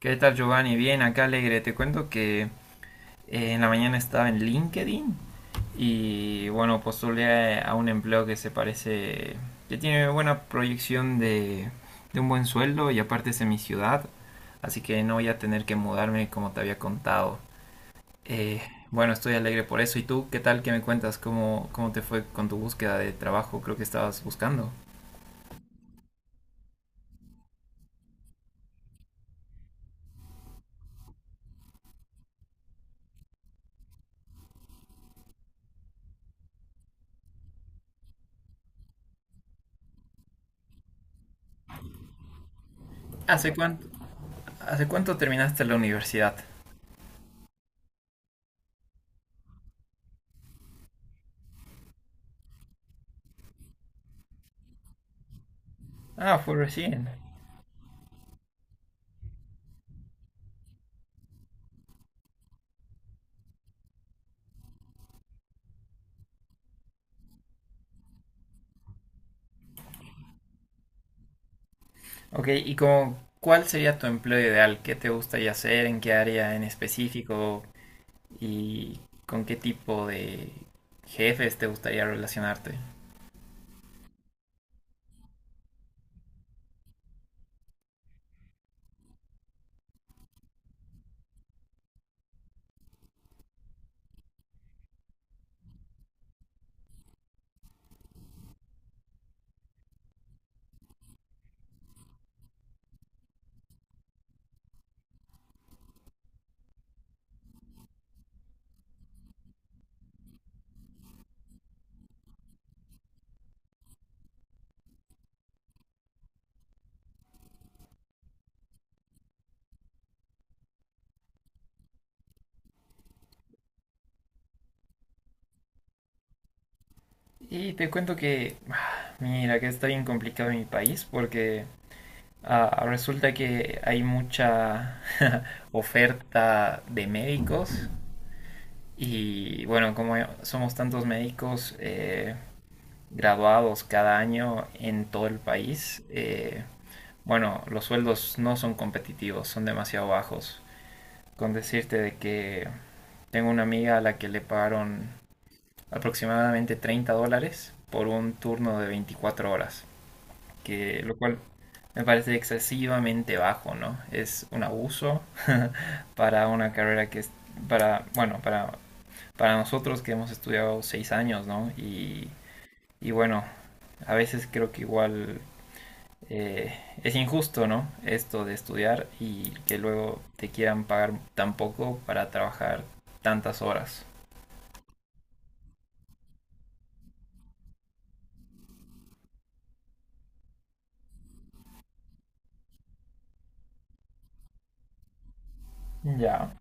¿Qué tal, Giovanni? Bien, acá alegre. Te cuento que en la mañana estaba en LinkedIn y bueno, postulé a un empleo que se parece, que tiene buena proyección de un buen sueldo y aparte es en mi ciudad, así que no voy a tener que mudarme como te había contado. Eh, bueno, estoy alegre por eso. ¿Y tú qué tal? ¿Qué me cuentas? ¿Cómo te fue con tu búsqueda de trabajo? Creo que estabas buscando. ¿Hace cuánto, hace cuánto terminaste la universidad? Ah, fue recién. Ok, y como, ¿cuál sería tu empleo ideal? ¿Qué te gustaría hacer? ¿En qué área en específico? ¿Y con qué tipo de jefes te gustaría relacionarte? Y te cuento que, ah, mira, que está bien complicado en mi país porque resulta que hay mucha oferta de médicos y bueno, como somos tantos médicos, graduados cada año en todo el país, bueno, los sueldos no son competitivos, son demasiado bajos. Con decirte de que tengo una amiga a la que le pagaron aproximadamente $30 por un turno de 24 horas, que lo cual me parece excesivamente bajo, ¿no? Es un abuso para una carrera que es para, bueno, para nosotros que hemos estudiado 6 años, ¿no? Y bueno, a veces creo que igual eh, es injusto, ¿no? Esto de estudiar y que luego te quieran pagar tan poco para trabajar tantas horas. Ya,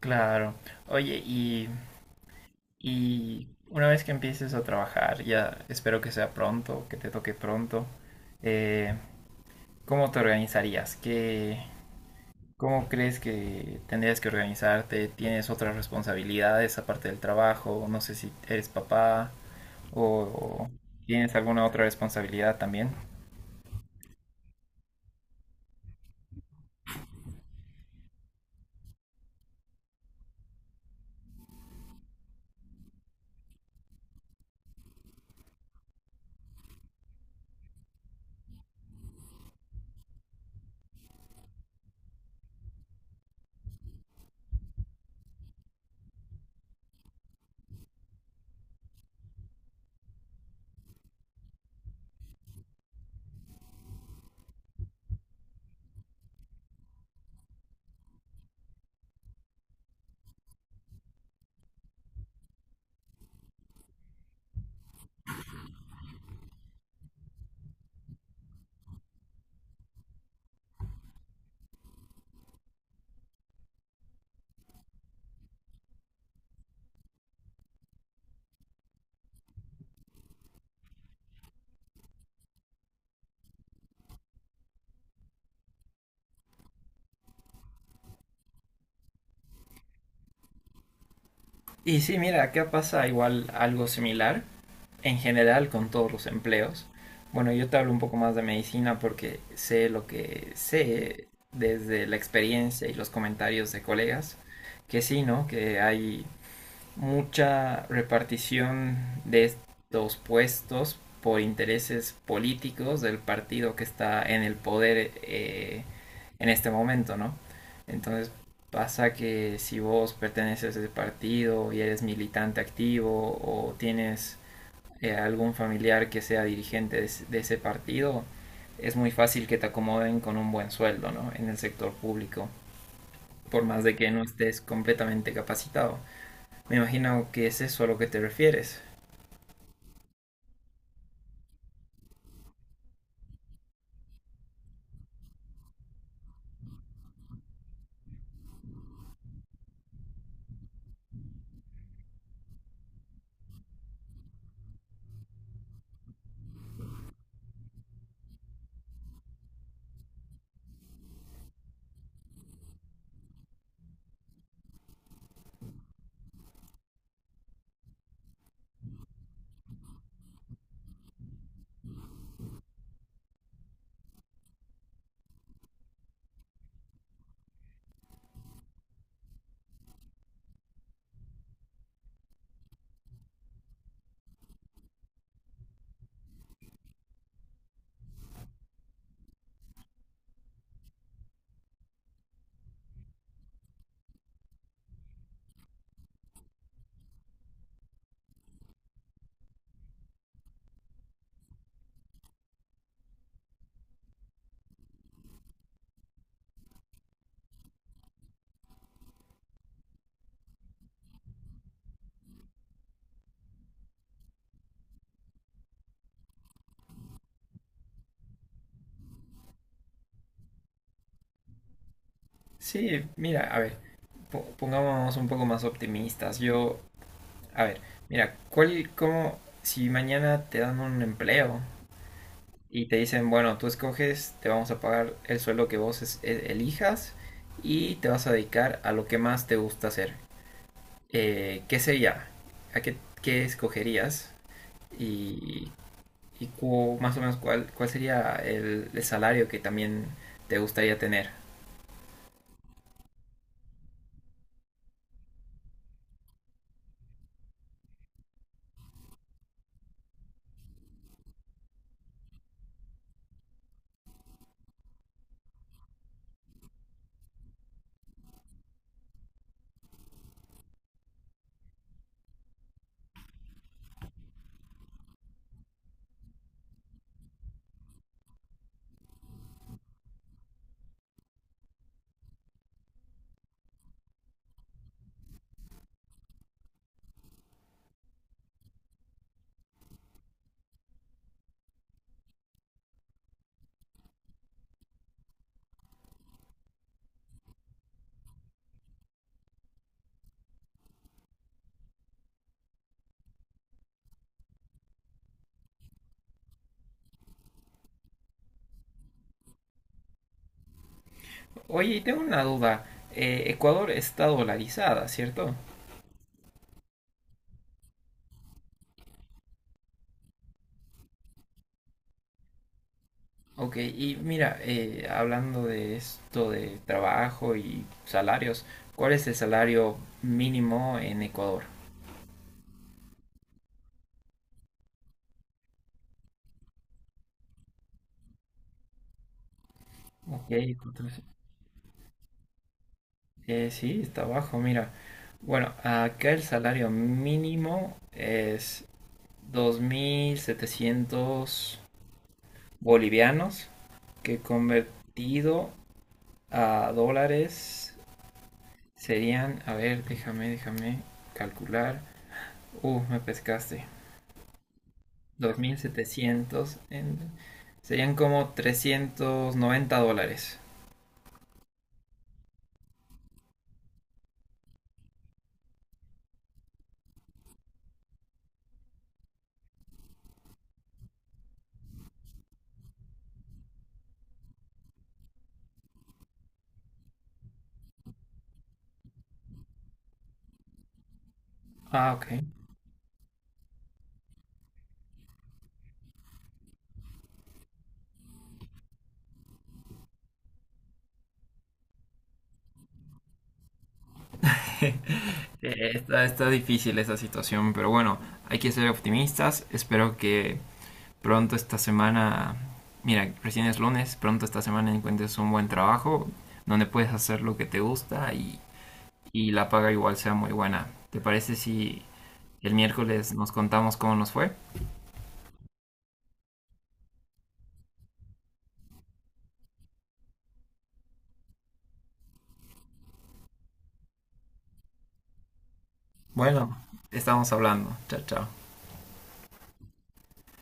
claro. Oye, y una vez que empieces a trabajar, ya espero que sea pronto, que te toque pronto, eh, ¿cómo te organizarías? ¿Cómo crees que tendrías que organizarte? ¿Tienes otras responsabilidades aparte del trabajo? No sé si eres papá, ¿O tienes alguna otra responsabilidad también? Y sí, mira, acá pasa igual algo similar, en general con todos los empleos. Bueno, yo te hablo un poco más de medicina porque sé lo que sé desde la experiencia y los comentarios de colegas, que sí, ¿no? Que hay mucha repartición de estos puestos por intereses políticos del partido que está en el poder en este momento, ¿no? Entonces pasa que si vos perteneces a ese partido y eres militante activo o tienes algún familiar que sea dirigente de ese partido, es muy fácil que te acomoden con un buen sueldo, ¿no? En el sector público, por más de que no estés completamente capacitado. Me imagino que es eso a lo que te refieres. Sí, mira, a ver, pongámonos un poco más optimistas. Yo, a ver, mira, ¿cuál, cómo, si mañana te dan un empleo y te dicen, bueno, tú escoges, te vamos a pagar el sueldo que vos elijas y te vas a dedicar a lo que más te gusta hacer? ¿Qué sería? ¿A qué, qué escogerías? Y, y más o menos cuál sería el salario que también te gustaría tener. Oye, y tengo una duda. Ecuador está dolarizada, ¿cierto? Ok, y mira, hablando de esto de trabajo y salarios, ¿cuál es el salario mínimo en Ecuador? Ok, cuatro- sí, está bajo, mira. Bueno, acá el salario mínimo es 2.700 bolivianos, que convertido a dólares serían, a ver, déjame, déjame calcular. Me pescaste. 2.700 en- serían como $390. Ah, ok. Está, está difícil esa situación, pero bueno, hay que ser optimistas. Espero que pronto esta semana, mira, recién es lunes, pronto esta semana encuentres un buen trabajo donde puedes hacer lo que te gusta y la paga igual sea muy buena. ¿Te parece si el miércoles nos contamos cómo nos fue? Bueno, estamos hablando. Chao, chao.